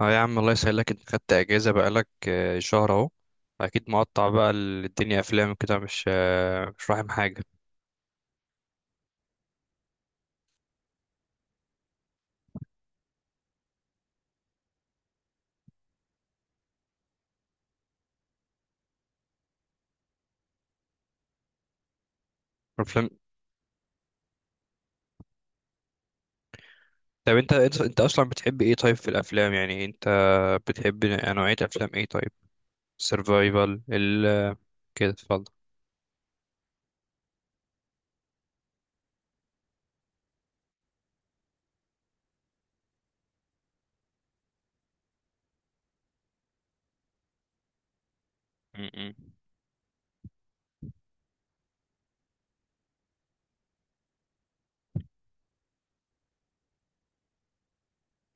اه يا عم الله يسهلك، انت خدت اجازه بقالك شهر اهو. اكيد مقطع بقى، الدنيا افلام كده مش مش فاهم حاجه. افلام. طب انت اصلا بتحب ايه طيب في الافلام، يعني انت بتحب نوعيه افلام ايه طيب؟ سيرفايفل كده اتفضل. م- م-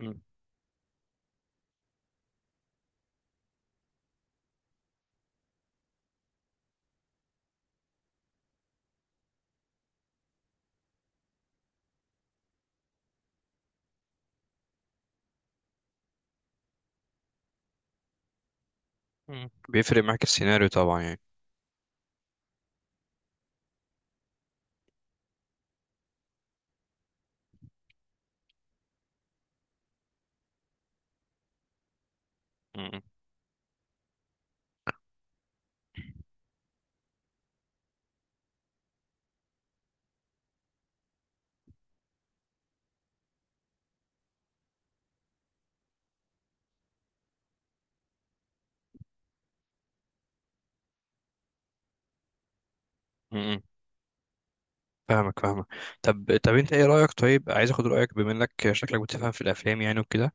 م- م. بيفرق معاك السيناريو طبعا يعني. م- م- م. فاهمك فاهمك. طب انت ايه رايك، طيب عايز اخد رايك بما انك شكلك بتفهم في الافلام يعني وكده.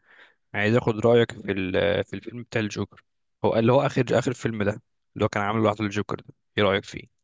عايز اخد رايك في في الفيلم بتاع الجوكر، هو اللي هو اخر فيلم ده، اللي هو كان عامله لوحده الجوكر ده، ايه رايك فيه؟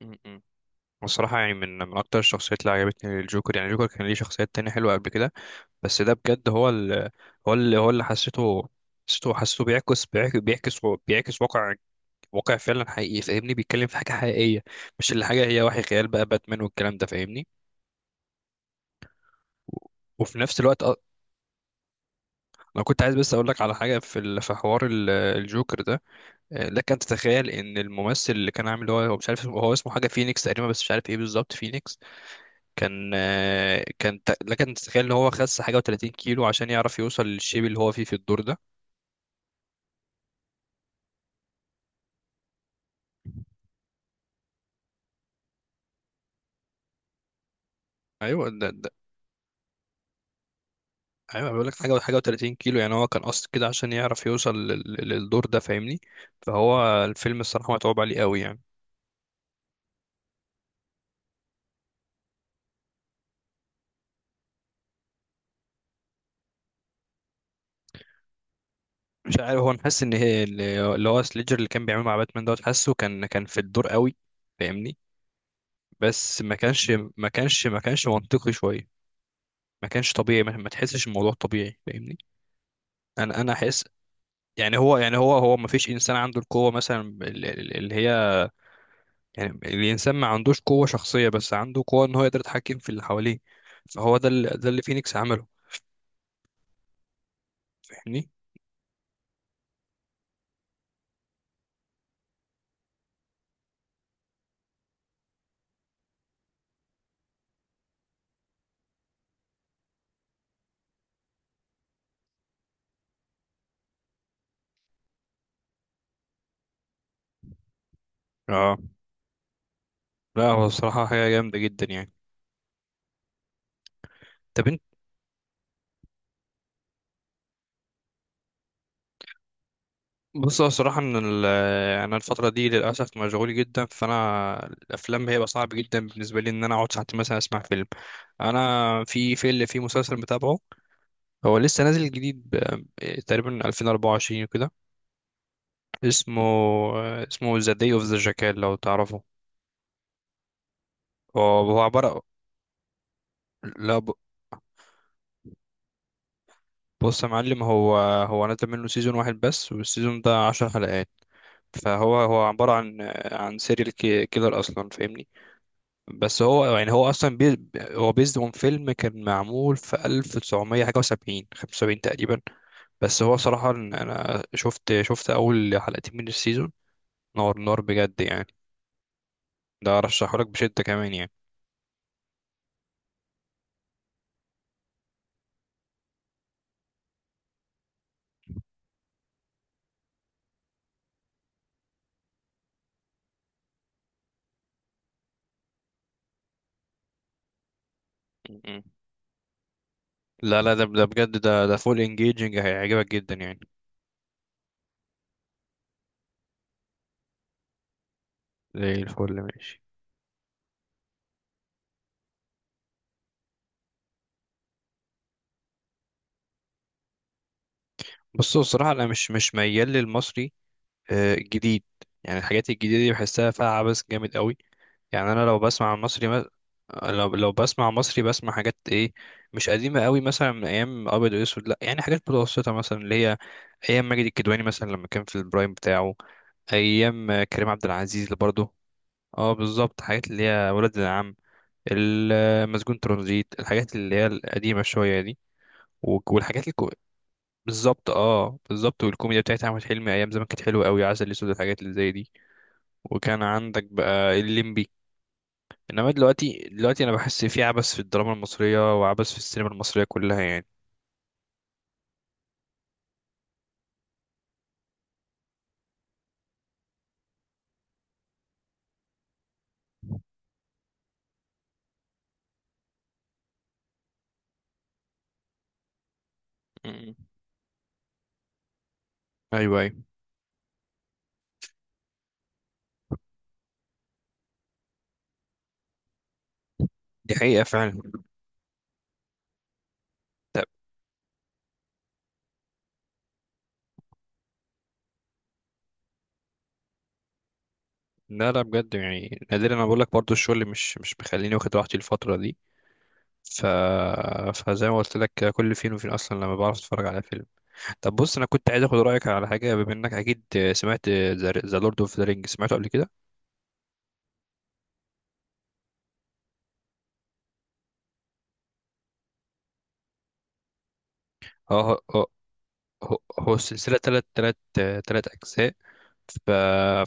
م-م. الصراحة يعني من أكتر الشخصيات اللي عجبتني الجوكر، يعني الجوكر كان ليه شخصيات تانية حلوة قبل كده، بس ده بجد هو اللي حسيته بيعكس واقع فعلا حقيقي، فاهمني، بيتكلم في حاجة حقيقية، مش اللي حاجة هي وحي خيال بقى باتمان والكلام ده، فاهمني. و- وفي نفس الوقت أنا كنت عايز بس أقول لك على حاجة في في حوار الجوكر ده. لك ان تتخيل ان الممثل اللي كان عامل هو مش عارف هو اسمه حاجه فينيكس تقريبا، بس مش عارف ايه بالظبط فينيكس. كان كان لك ان تتخيل ان هو خس حاجه و30 كيلو عشان يعرف يوصل للشيب اللي هو فيه في الدور ده. ايوه ده. ايوه بقول لك حاجه و30 كيلو، يعني هو كان قصد كده عشان يعرف يوصل للدور ده، فاهمني. فهو الفيلم الصراحه متعوب عليه قوي يعني. مش عارف، هو أنا حاسس ان هي اللي هو سليجر اللي كان بيعمل مع باتمان دوت، حاسه كان في الدور قوي، فاهمني. بس ما كانش منطقي شويه، ما كانش طبيعي، ما تحسش الموضوع طبيعي فاهمني. انا احس، يعني هو ما فيش انسان عنده القوه مثلا اللي هي، يعني الانسان ما عندوش قوه شخصيه، بس عنده قوه ان هو يقدر يتحكم في اللي حواليه. فهو ده اللي فينيكس عمله، فاهمني. اه، لا هو الصراحه حاجه جامده جدا يعني. طب انت، بص هو الصراحه ان انا الفتره دي للاسف مشغول جدا، فانا الافلام هيبقى صعب جدا بالنسبه لي ان انا اقعد ساعتين مثلا اسمع فيلم. انا في مسلسل متابعه، هو لسه نازل جديد ب- إيه، تقريبا 2024 وكده. اسمه اسمه ذا داي اوف ذا جاكال، لو تعرفه. هو هو عبارة، لا بص يا معلم، هو هو نزل منه سيزون واحد بس، والسيزون ده 10 حلقات. فهو عبارة عن عن سيريال كيلر أصلا فاهمني. بس هو يعني هو أصلا بي هو بيزد اون فيلم كان معمول في 1900 حاجة وسبعين، 75 تقريبا. بس هو صراحة أنا شفت أول حلقتين من السيزون، نار نار، بجد يعني، ده ارشحهولك بشدة كمان يعني. م-م. لا لا، ده ده بجد ده ده فول انجيجنج، هيعجبك جدا يعني. زي الفل ماشي. بص هو الصراحة انا مش ميال للمصري الجديد، يعني الحاجات الجديدة دي بحسها فيها عبث جامد قوي. يعني انا لو بسمع مصري ما... لو بسمع مصري بسمع حاجات ايه، مش قديمه قوي مثلا من ايام ابيض واسود، لا يعني حاجات متوسطه مثلا، اللي هي ايام ماجد الكدواني مثلا لما كان في البرايم بتاعه، ايام كريم عبد العزيز اللي برضه. اه بالظبط، حاجات اللي هي ولاد العم، المسجون، ترانزيت، الحاجات اللي هي القديمة شوية دي. والحاجات الكو... بالظبط اه بالظبط، والكوميديا بتاعت احمد حلمي ايام زمان كانت حلوه قوي، عسل اسود، الحاجات اللي زي دي. وكان عندك بقى الليمبي. انما دلوقتي، انا بحس في عبث في الدراما المصريه، وعبث في السينما المصريه كلها يعني. م-م. ايوه ايوه، دي حقيقه فعلا. طب، لا لا بجد يعني نادرا، انا بقول لك برضه الشغل مش مخليني واخد راحتي الفتره دي. ف... فزي ما قلت لك كده كل فين وفين اصلا لما بعرف اتفرج على فيلم. طب بص انا كنت عايز اخد رايك على حاجه بما انك اكيد سمعت ذا لورد اوف ذا رينج، سمعته قبل كده؟ اه، هو السلسله تلات تلات اجزاء. ف...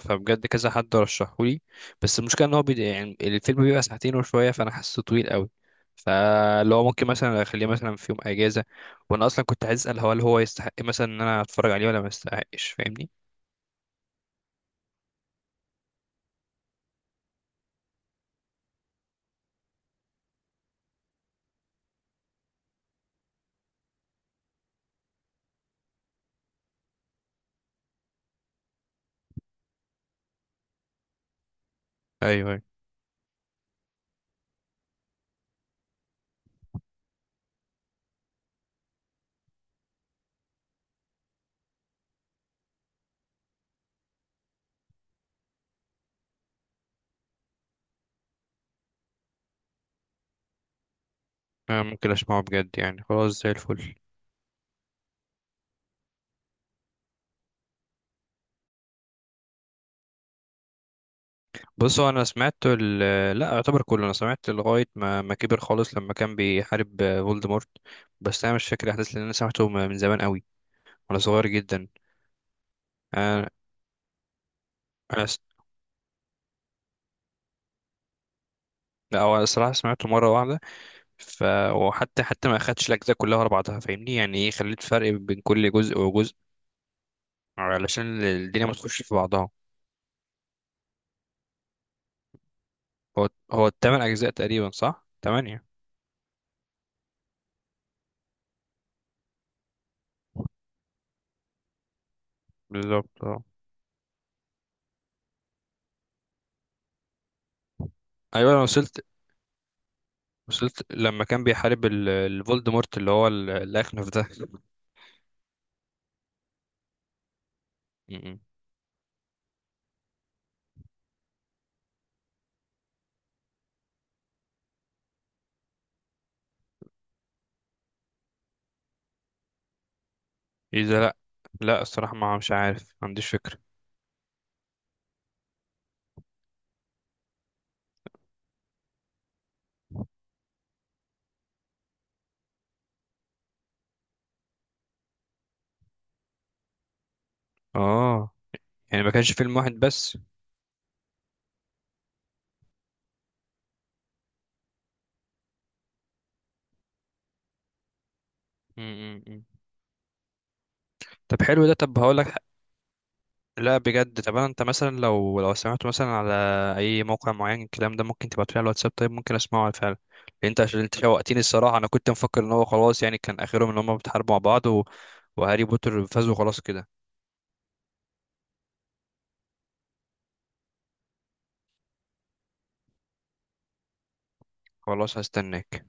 فبجد كذا حد رشحهولي، بس المشكله ان هو بي... يعني الفيلم بيبقى ساعتين وشويه، فانا حاسه طويل قوي. فلو ممكن مثلا اخليه مثلا في يوم اجازه، وانا اصلا كنت عايز اسال، هو هل هو يستحق مثلا ان انا اتفرج عليه، ولا ما يستحقش فاهمني؟ ايوه ايوه، أنا ممكن اسمعه بجد يعني، خلاص زي الفل. بص هو انا سمعت ال... لا يعتبر كله، انا سمعت لغايه ما كبر خالص لما كان بيحارب فولدمورت. بس انا مش فاكر الاحداث لان انا سمعته من زمان قوي، وانا صغير جدا. انا انا س- لا هو أنا الصراحه سمعته مره واحده. ف وحتى ما اخدتش الاجزاء كلها ورا بعضها فاهمني، يعني ايه خليت فرق بين كل جزء وجزء علشان الدنيا ما تخش في بعضها. هو ال8 اجزاء تقريبا، صح، 8. بالظبط اه. ايوه انا وصلت، وصلت لما كان بيحارب الفولدمورت اللي هو الاخنف ده. ايه ده، لا لا الصراحة ما مش عارف، ما عنديش فكرة. اه يعني ما كانش فيلم واحد بس. م -م -م. طب حلو ده، طب هقول لك. لا بجد، طب انا انت مثلا لو سمعته مثلا على اي موقع معين، الكلام ده ممكن تبعته لي على الواتساب طيب، ممكن اسمعه فعلا. لأن انت عشان انت شوقتني الصراحة، انا كنت مفكر ان هو خلاص يعني كان اخرهم ان هم بيتحاربوا مع بعض و... وهاري بوتر فازوا خلاص كده. خلاص هستناك.